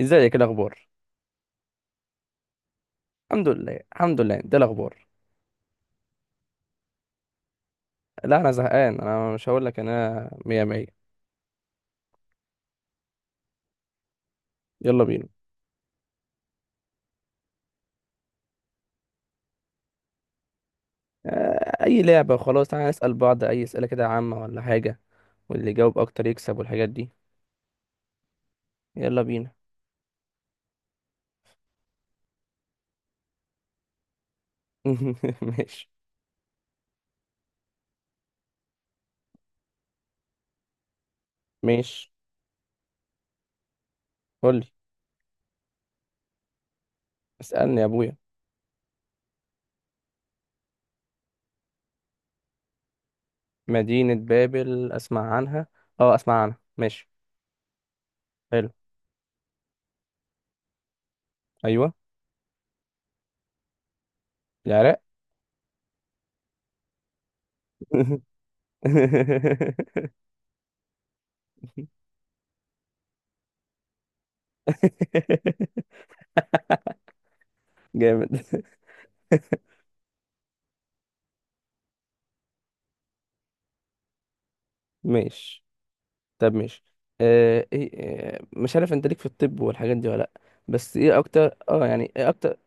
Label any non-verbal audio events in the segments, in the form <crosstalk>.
ازيك؟ إيه الاخبار؟ الحمد لله الحمد لله ده الاخبار. لا انا زهقان، انا مش هقول لك، انا مية مية. يلا بينا. اي لعبة، خلاص تعالى نسأل بعض اي اسئلة كده عامة ولا حاجة، واللي يجاوب اكتر يكسب والحاجات دي. يلا بينا. <laughs> ماشي. ماشي، قول لي. اسألني يا ابويا. مدينة بابل؟ اسمع عنها. اه اسمع عنها، ماشي. حلو. ايوه. العراق. <laughs> جامد. ماشي. طب ماشي. إيه؟ مش عارف انت ليك في الطب والحاجات دي ولا لأ، بس ايه اكتر، يعني ايه اكتر.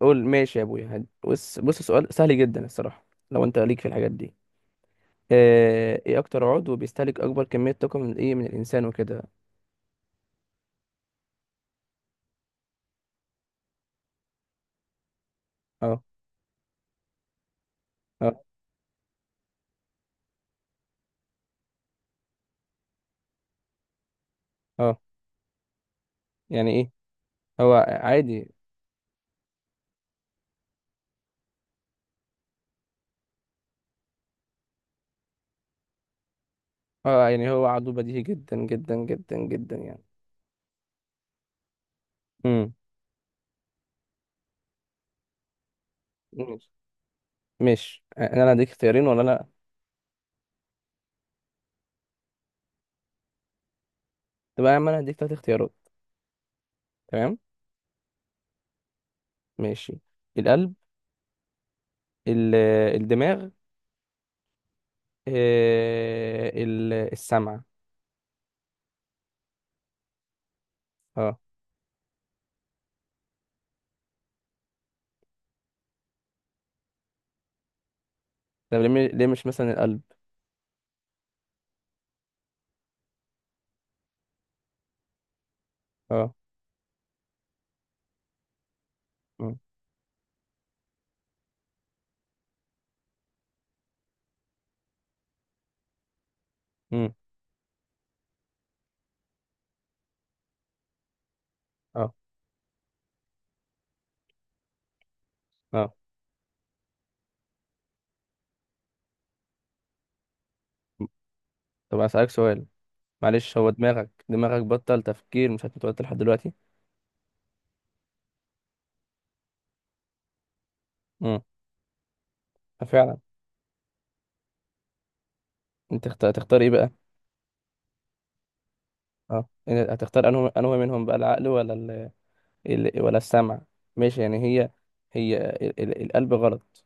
قول ماشي يا ابويا، بص بص، سؤال سهل جدا الصراحة، لو انت ليك في الحاجات دي. ايه اكتر عضو بيستهلك اكبر كمية طاقة من ايه، من الانسان وكده؟ اه. اه. اه يعني ايه؟ هو عادي. اه يعني هو عضو بديهي جدا جدا جدا جدا يعني. امم ماشي. ماشي انا لا هديك اختيارين ولا لا. طب انا هديك تلات اختيارات، تمام؟ ماشي. القلب، ال- الدماغ، إيه السمع. اه. طب ليه ليه مش مثلا القلب؟ اه. مم. مم. اه. اه. م- طب اسالك سؤال، معلش. هو دماغك دماغك بطل تفكير، مش هتتوتر لحد دلوقتي؟ امم. ففعلا. انت هتختار ايه بقى؟ اه، هتختار انه انه منهم بقى العقل ولا ولا السمع؟ ماشي يعني هي، هي القلب غلط.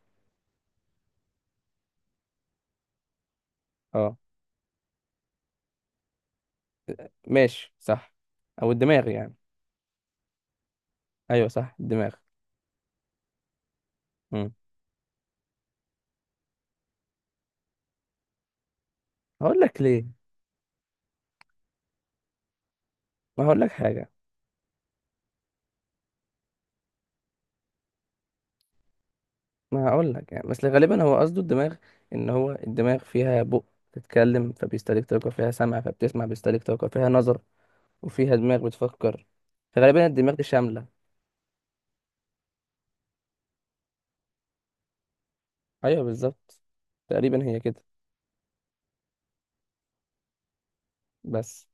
اه ماشي، صح. او الدماغ يعني. ايوه صح الدماغ. امم. هقول لك ليه. ما هقول لك حاجه. ما هقول لك يعني، بس غالبا هو قصده الدماغ، ان هو الدماغ فيها بق، بتتكلم فبيستهلك طاقة، فيها سمع فبتسمع بيستهلك طاقة، فيها نظر وفيها دماغ بتفكر، فغالبا الدماغ دي شاملة. ايوه بالظبط، تقريبا هي كده، بس.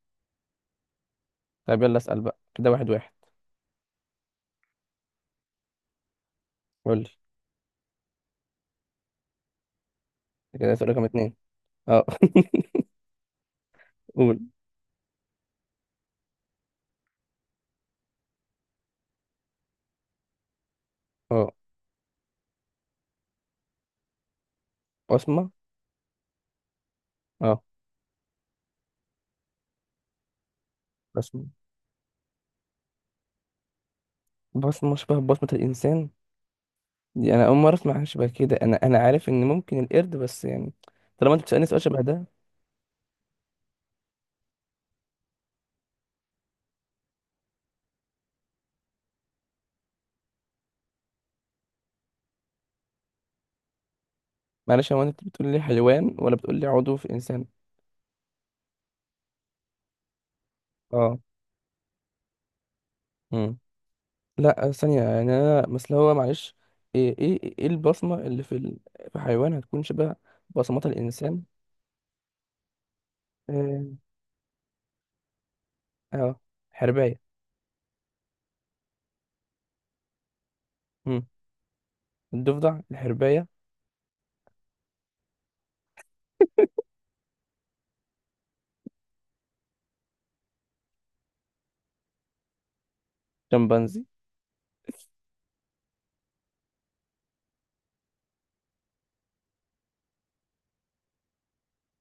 طيب يلا اسأل بقى كده واحد واحد. قول لي كده سؤال رقم اتنين. اه. <laughs> قول. اه. بصمة؟ اه. بصمة. بصمة شبه بصمة الإنسان؟ دي أنا أول مرة أسمع عن شبه كده. أنا عارف إن ممكن القرد بس يعني، طالما أنت بتسألني سؤال شبه ده. معلش، هو انت بتقول لي حيوان ولا بتقول لي عضو في انسان؟ اه. امم. لا ثانيه، يعني انا مثلا هو معلش، ايه ايه ايه البصمه اللي في في حيوان هتكون شبه بصمات الانسان. اه. آه، حربايه. امم. الضفدع، الحربايه، شمبانزي.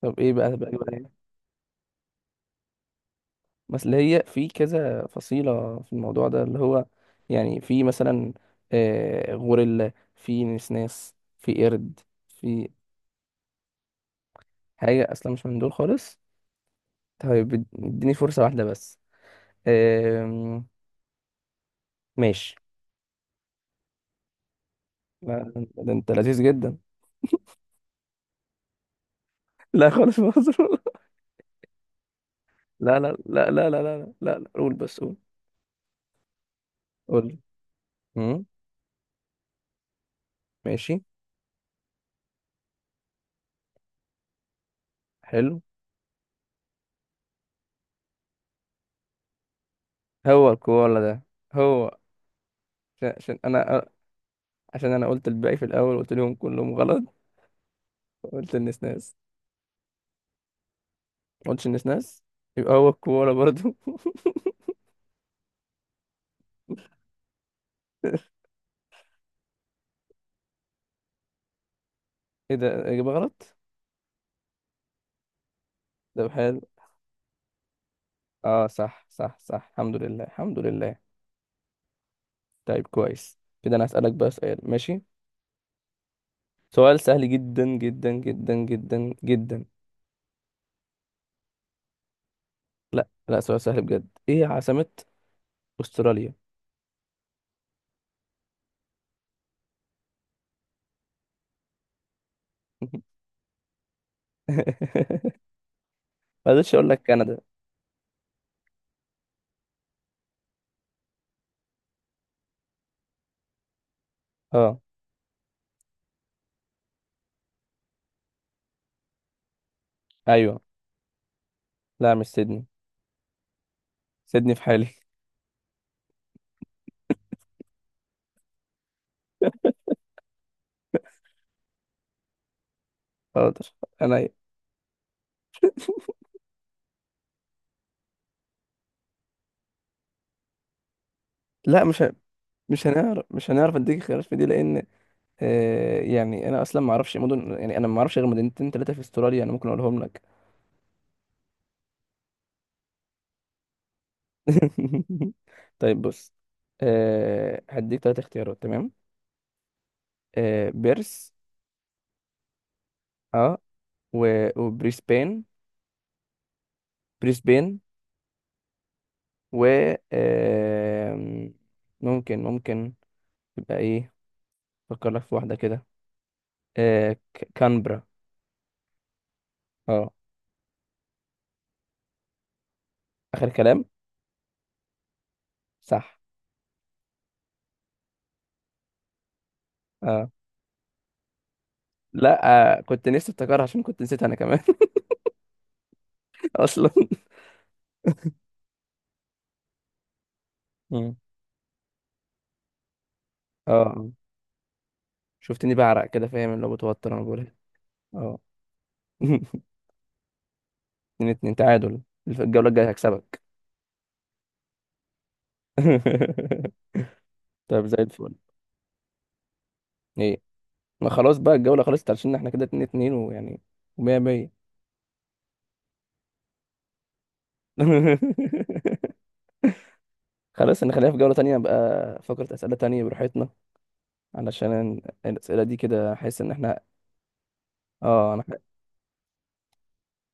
طب ايه بقى بقى بقى يعني، مثلا هي في كذا فصيله في الموضوع ده اللي هو، يعني في مثلا، غوريلا، في نسناس، في قرد، في حاجه اصلا مش من دول خالص. طيب اديني فرصة واحدة بس. أم... ماشي. لا ده انت لذيذ جدا. <laughs> لا، خالص مهزوم. <laughs> لا لا لا لا لا لا لا لا لا، قول بس قول. قول. امم. ماشي حلو. هو الكوالا ده، هو. عشان، عشان انا، عشان انا قلت الباقي في الاول، قلت لهم كلهم غلط. قلت النسناس. ما قلتش النسناس. يبقى هو الكوالا برضو. <laughs> ايه ده؟ اجابة غلط؟ ده حلو. اه صح صح صح، الحمد لله الحمد لله. طيب كويس كده، انا هسألك بقى سؤال ماشي، سؤال سهل جدا جدا جدا جدا جدا. لا لا سؤال سهل بجد. ايه عاصمة استراليا؟ <laughs> ما قدرتش اقول لك كندا. اه. ايوه. لا مش سيدني. سيدني في حالي. <laughs> حاضر. انا. لا مش مش هنعرف، مش هنعرف اديك خيارات في دي، لان يعني انا اصلا ما اعرفش مدن، يعني انا ما اعرفش غير مدينتين ثلاثه في استراليا، انا ممكن اقولهم لك. <laughs> طيب بص، هديك ثلاث اختيارات، تمام؟ بيرس. اه. و... وبريسبين. بريسبين. و، آم، ممكن، ممكن يبقى ايه، افكر لك في واحدة كده، كانبرا. اه. اخر كلام. صح. اه. لا كنت نفسي افتكرها عشان كنت نسيت انا كمان. <laughs> اصلا. مم. اه. شفتني بعرق كده، فاهم اللي هو متوتر انا بقولها. اه. <laughs> اتنين اتنين تعادل. الجولة الجاية هكسبك. <laughs> طيب، زي الفل. ايه؟ ما خلاص بقى الجولة خلصت، عشان احنا كده اتنين اتنين ويعني، ومية مية. <laughs> خلاص نخليها في جولة تانية بقى، فقرة أسئلة تانية براحتنا، علشان الأسئلة دي كده أحس إن إحنا، أنا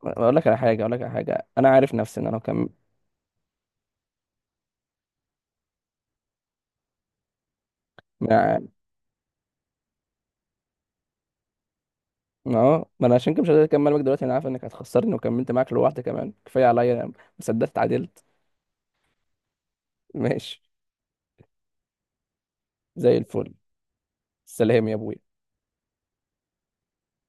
أقول لك على حاجة، أقول لك على حاجة. أنا عارف نفسي إن أنا لو كم، مع- ما أنا عشان كده مش قادر أكمل معاك دلوقتي، أنا عارف إنك هتخسرني، وكملت معاك لوحدي كمان كفاية عليا، أنا ما صدقت اتعادلت. ماشي. زي الفل. سلام يا أبوي.